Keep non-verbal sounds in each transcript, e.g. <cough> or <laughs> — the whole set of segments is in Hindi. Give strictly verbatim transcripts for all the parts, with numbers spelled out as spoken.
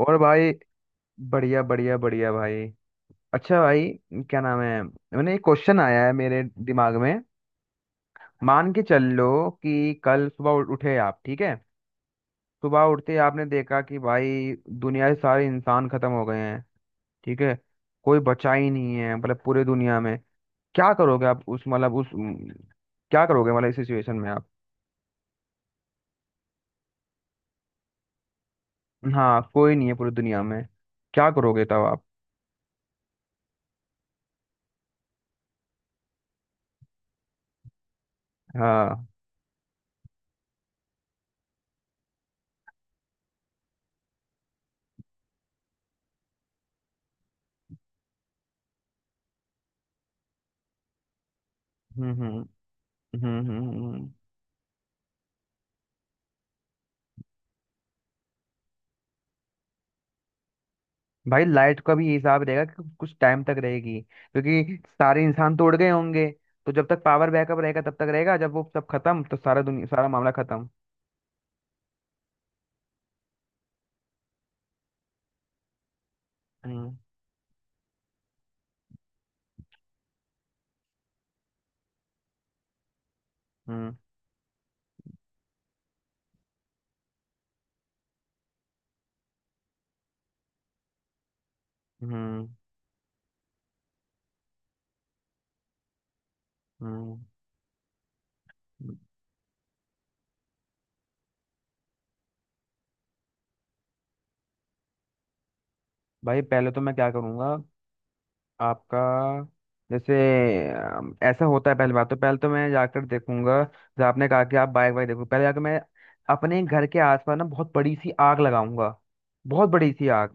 और भाई बढ़िया बढ़िया बढ़िया भाई। अच्छा भाई, क्या नाम है, मैंने एक क्वेश्चन आया है मेरे दिमाग में। मान के चल लो कि कल सुबह उ- उठे आप, ठीक है। सुबह उठते ही आपने देखा कि भाई दुनिया के सारे इंसान खत्म हो गए हैं। ठीक है, कोई बचा ही नहीं है, मतलब पूरे दुनिया में। क्या करोगे आप उस, मतलब उस उम, क्या करोगे मतलब इस सिचुएशन में आप। हाँ, कोई नहीं है पूरी दुनिया में। क्या करोगे तब आप। हाँ। हम्म हम्म हम्म हम्म हम्म हम्म। भाई लाइट का भी हिसाब रहेगा कि कुछ टाइम तक रहेगी क्योंकि सारे इंसान तो उड़ गए होंगे। तो जब तक पावर बैकअप रहेगा तब तक रहेगा, जब वो सब खत्म तो सारा दुनिया सारा मामला खत्म। हम्म हम्म हम्म हम्म, हम्म। भाई पहले तो मैं क्या करूँगा आपका, जैसे अम, ऐसा होता है। पहली बात तो, पहले तो मैं जाकर देखूंगा, जैसे आपने कहा कि आप बाइक वाइक देखो, पहले जाकर मैं अपने घर के आसपास ना बहुत बड़ी सी आग लगाऊंगा। बहुत बड़ी सी आग,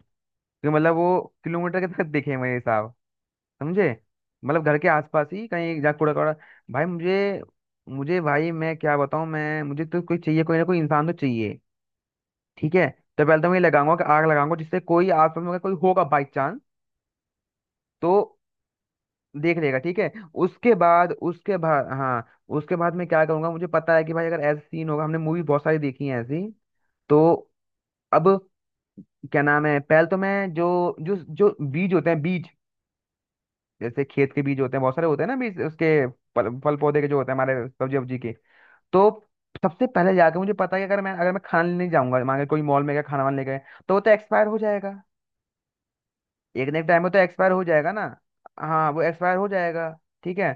कि मतलब वो किलोमीटर के तक दिखे मेरे हिसाब, समझे। मतलब घर के आसपास ही कहीं जा कूड़ा कूड़ा। भाई मुझे, मुझे भाई मैं क्या बताऊं, मैं, मुझे तो कोई चाहिए, कोई ना कोई इंसान तो चाहिए। ठीक है, तो पहले तो मैं ये लगाऊंगा कि आग लगाऊंगा जिससे कोई आसपास में अगर कोई होगा बाई चांस तो देख लेगा। ठीक है। उसके बाद, उसके बाद, हाँ, उसके बाद मैं क्या करूंगा, मुझे पता है कि भाई अगर ऐसा सीन होगा, हमने मूवी बहुत सारी देखी है ऐसी, तो अब क्या नाम है, पहले तो मैं जो, जो जो बीज होते हैं, बीज, जैसे खेत के बीज होते हैं बहुत सारे होते हैं ना बीज उसके, फल फल पौधे के जो होते हैं हमारे सब्जी वब्जी के। तो सबसे पहले जाके, मुझे पता है कि अगर मैं, अगर मैं खाना लेने जाऊंगा मान के, कोई मॉल में गया खाना वाना ले गए, तो वो तो एक्सपायर हो जाएगा। एक ना एक टाइम में तो एक्सपायर हो जाएगा ना। हाँ, वो एक्सपायर हो जाएगा। ठीक है,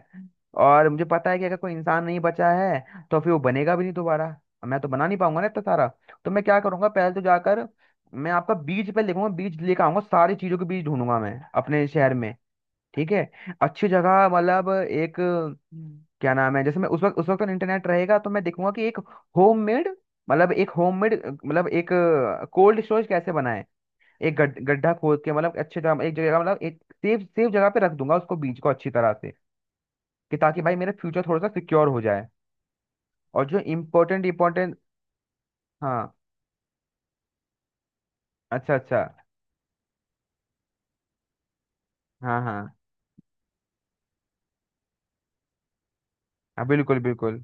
और मुझे पता है कि अगर कोई इंसान नहीं बचा है तो फिर वो बनेगा भी नहीं दोबारा, और मैं तो बना नहीं पाऊंगा ना इतना सारा। तो मैं क्या करूंगा, पहले तो जाकर मैं आपका बीज पे लिखूंगा, बीज लेकर आऊंगा, सारी चीजों के बीज ढूंढूंगा मैं अपने शहर में। ठीक है, अच्छी जगह, मतलब एक हम्म, क्या नाम है, जैसे मैं उस वक्त, उस वक्त इंटरनेट रहेगा तो मैं देखूंगा कि एक होममेड, मतलब एक होममेड, मतलब एक कोल्ड स्टोरेज कैसे बनाए, एक गड- गड्ढा खोद के, मतलब अच्छे जगह एक जगह, मतलब एक सेफ सेफ जगह पे रख दूंगा उसको, बीज को अच्छी तरह से, कि ताकि भाई मेरा फ्यूचर थोड़ा सा सिक्योर हो जाए। और जो इम्पोर्टेंट इम्पोर्टेंट, हाँ। अच्छा अच्छा। हाँ हाँ हाँ, बिल्कुल बिल्कुल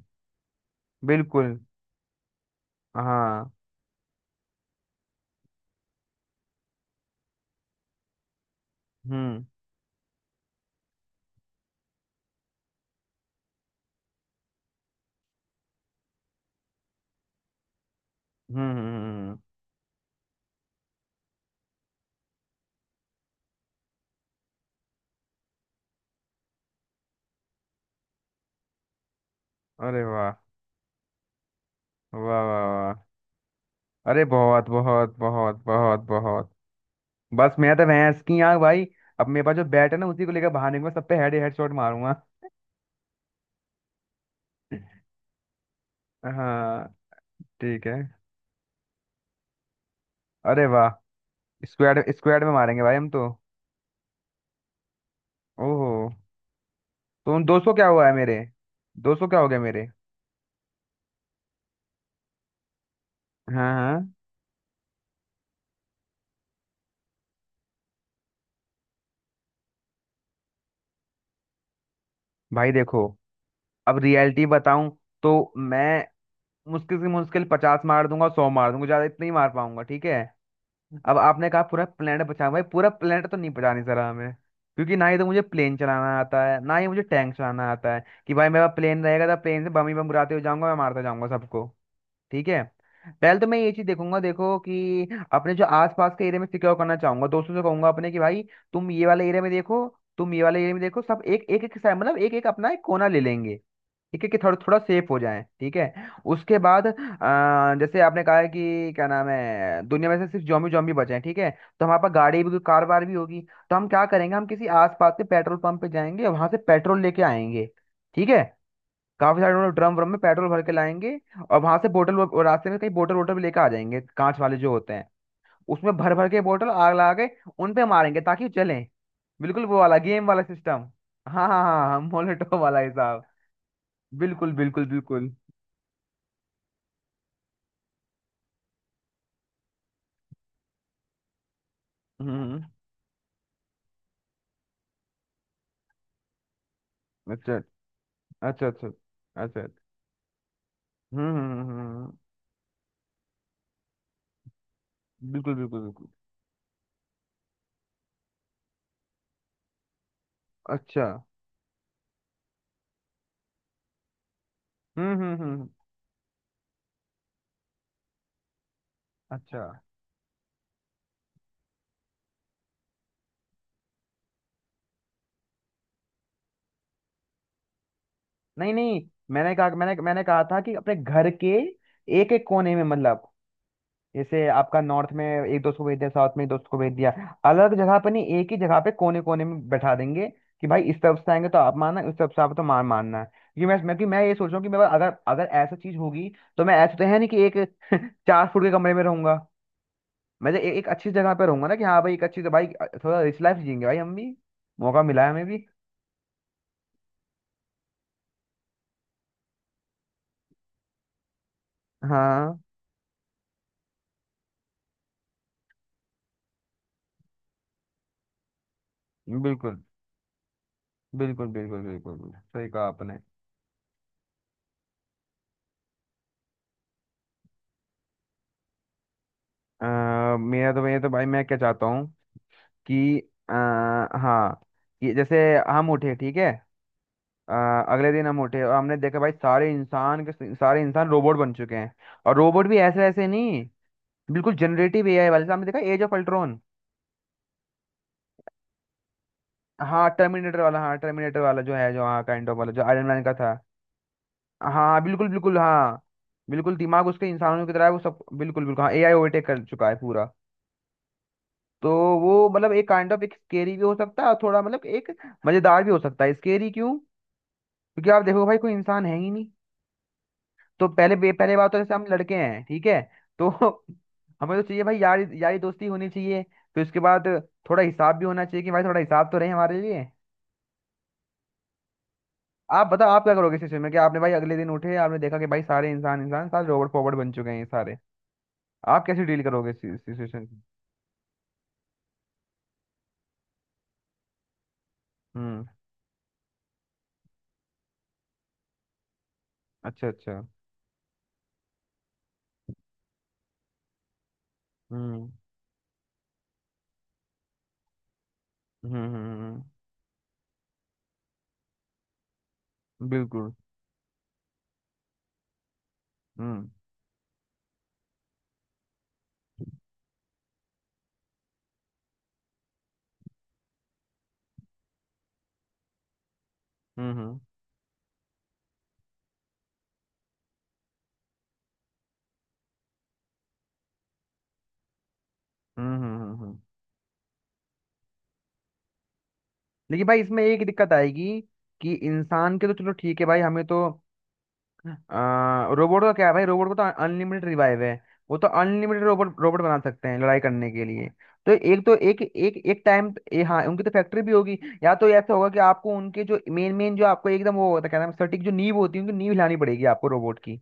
बिल्कुल। हाँ। हम्म हम्म हम्म हम्म, हम्म। अरे वाह। वाह वाह वाह। अरे बहुत बहुत बहुत बहुत बहुत, बस मैं तो भैंस की आँख भाई। अब मेरे पास जो बैट है ना उसी को लेकर भागने में सब पे हेड हेड शॉट मारूंगा। हाँ, ठीक है, अरे वाह, स्क्वाड स्क्वाड में मारेंगे भाई हम तो। ओहो, तो उन दोस्तों क्या हुआ है मेरे, दोस्तों क्या हो गया मेरे। हाँ हाँ। भाई देखो, अब रियलिटी बताऊं, तो मैं मुश्किल से मुश्किल पचास मार दूंगा, सौ मार दूंगा, ज्यादा इतना ही मार पाऊंगा। ठीक है, अब आपने कहा पूरा प्लेनेट बचा, भाई पूरा प्लेनेट तो नहीं बचाने सरा हमें, क्योंकि ना ही तो मुझे प्लेन चलाना आता है, ना ही मुझे टैंक चलाना आता है कि भाई मेरा प्लेन रहेगा तो प्लेन से बम ही बम गिराते हुए जाऊंगा, मैं मारता जाऊंगा सबको। ठीक है, पहले तो मैं ये चीज देखूंगा, देखो कि अपने जो आसपास के एरिया में सिक्योर करना चाहूंगा, दोस्तों से कहूंगा अपने कि भाई तुम ये वाले एरिया में देखो, तुम ये वाले एरिया में देखो, सब एक एक एक साइड, मतलब एक एक अपना एक कोना ले लेंगे। ठीक है, कि थोड़ा थोड़ा सेफ हो जाए, ठीक है। उसके बाद अ, जैसे आपने कहा है कि क्या नाम है, दुनिया में से सिर्फ जॉम्बी जॉम्बी बचे हैं, ठीक है। तो हमारे पास गाड़ी भी, कार वार भी होगी, तो हम क्या करेंगे, हम किसी आसपास के पेट्रोल पंप पे जाएंगे और वहां से पेट्रोल लेके आएंगे। ठीक है, काफी सारे लोग ड्रम व्रम में पेट्रोल भर के लाएंगे, और वहां से बोतल वो- रास्ते में कहीं बोतल वोटल भी लेकर आ जाएंगे, कांच वाले जो होते हैं, उसमें भर भर के बोतल आग लगा के उन पे मारेंगे ताकि वो चलें। बिल्कुल वो वाला गेम वाला सिस्टम, हाँ हाँ हाँ हाँ, मोलेटो वाला हिसाब। बिल्कुल बिल्कुल बिल्कुल। हम्म हम्म, हम्म। अच्छा अच्छा अच्छा अच्छा अच्छा। हम्म हम्म हम्म, हम्म, हम्म, हम्म। बिल्कुल बिल्कुल बिल्कुल। अच्छा। हम्म हम्म हम्म हम्म। अच्छा, नहीं नहीं, मैंने कहा, मैंने, मैंने कहा था कि अपने घर के एक एक कोने में, मतलब जैसे आपका नॉर्थ में एक दोस्त को भेज दिया, साउथ में एक दोस्त को भेज दिया, अलग अलग जगह पर नहीं, एक ही जगह पे कोने कोने में बैठा देंगे, कि भाई इस तरफ से आएंगे तो आप मानना, इस तरफ से आप तो मार, मानना है, क्योंकि मैं मैं, कि मैं ये सोच रहा हूँ कि मेरे पास अगर, अगर ऐसा चीज होगी, तो मैं, ऐसा तो है नहीं कि एक <laughs> चार फुट के कमरे में रहूंगा। मैं तो ए, एक अच्छी जगह पे रहूंगा ना, कि हाँ भाई एक अच्छी भाई, थोड़ा रिच लाइफ जियेंगे भाई हम भी, मौका मिला है हमें भी। हाँ, बिल्कुल बिल्कुल बिल्कुल, बिल्कुल सही कहा आपने। अ, मेरा तो ये तो, भाई मैं क्या चाहता हूँ कि आ, हाँ, कि जैसे हम उठे ठीक है, आ, अगले दिन हम उठे और हमने देखा भाई सारे इंसान के सारे इंसान रोबोट बन चुके हैं। और रोबोट भी ऐसे ऐसे नहीं, बिल्कुल जनरेटिव एआई वाले, जैसे हमने देखा एज ऑफ अल्ट्रॉन। हाँ, टर्मिनेटर वाला, हाँ टर्मिनेटर वाला जो है, जो हाँ काइंड ऑफ वाला, जो आयरन मैन का था। हाँ, बिल्कुल बिल्कुल। हाँ बिल्कुल, दिमाग उसके इंसानों की तरह है, वो सब, बिल्कुल बिल्कुल। हाँ, एआई ओवरटेक कर चुका है पूरा। तो वो मतलब एक काइंड ऑफ एक स्केरी भी हो सकता है, और थोड़ा मतलब एक मजेदार भी हो सकता है। स्केरी क्यों, क्योंकि आप देखो भाई कोई इंसान है ही नहीं, तो पहले बे- पहले बात तो, जैसे हम लड़के हैं ठीक है, तो <laughs> हमें तो चाहिए भाई यारी यारी दोस्ती होनी चाहिए। फिर उसके बाद थोड़ा हिसाब भी होना चाहिए, कि भाई थोड़ा हिसाब तो रहे हमारे लिए। आप बताओ आप क्या करोगे इस सिचुएशन में, कि आपने भाई अगले दिन उठे, आपने देखा कि भाई सारे इंसान इंसान सारे रोबोट फॉरवर्ड बन चुके हैं ये सारे, आप कैसे डील करोगे इस इस सिचुएशन से। हम्म। अच्छा अच्छा। हम्म हम्म हम्म हम्म, हम्म। बिल्कुल। हम्म हम्म हम्म हम्म हम्म हम्म, हम्म। लेकिन भाई इसमें एक दिक्कत आएगी, कि इंसान के तो चलो ठीक है भाई हमें तो, आ, रोबोट का क्या है भाई, रोबोट को तो अनलिमिटेड रिवाइव है, वो तो अनलिमिटेड रोबोट रोबोट बना सकते हैं लड़ाई करने के लिए। तो एक, तो एक एक एक टाइम ये, हाँ उनकी तो फैक्ट्री भी होगी। या तो ऐसा होगा कि आपको उनके जो मेन मेन जो आपको एकदम वो होता है, क्या नाम है, सटीक जो नींव होती है, उनकी नींव हिलानी पड़ेगी आपको, रोबोट की,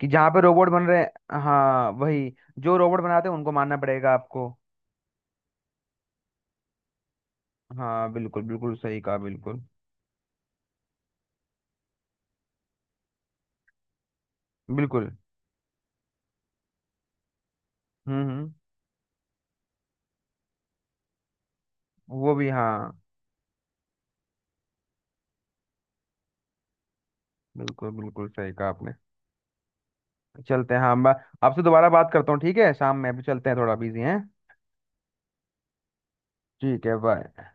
कि जहाँ पे रोबोट बन रहे हैं, हाँ वही, जो रोबोट बनाते हैं उनको मानना पड़ेगा आपको। हाँ बिल्कुल बिल्कुल, सही कहा, बिल्कुल बिल्कुल। हम्म हम्म। वो भी हाँ। बिल्कुल बिल्कुल सही कहा आपने। चलते हैं, हाँ मैं आपसे दोबारा बात करता हूँ, ठीक है शाम में, अभी चलते हैं, थोड़ा बिजी हैं। ठीक है, बाय।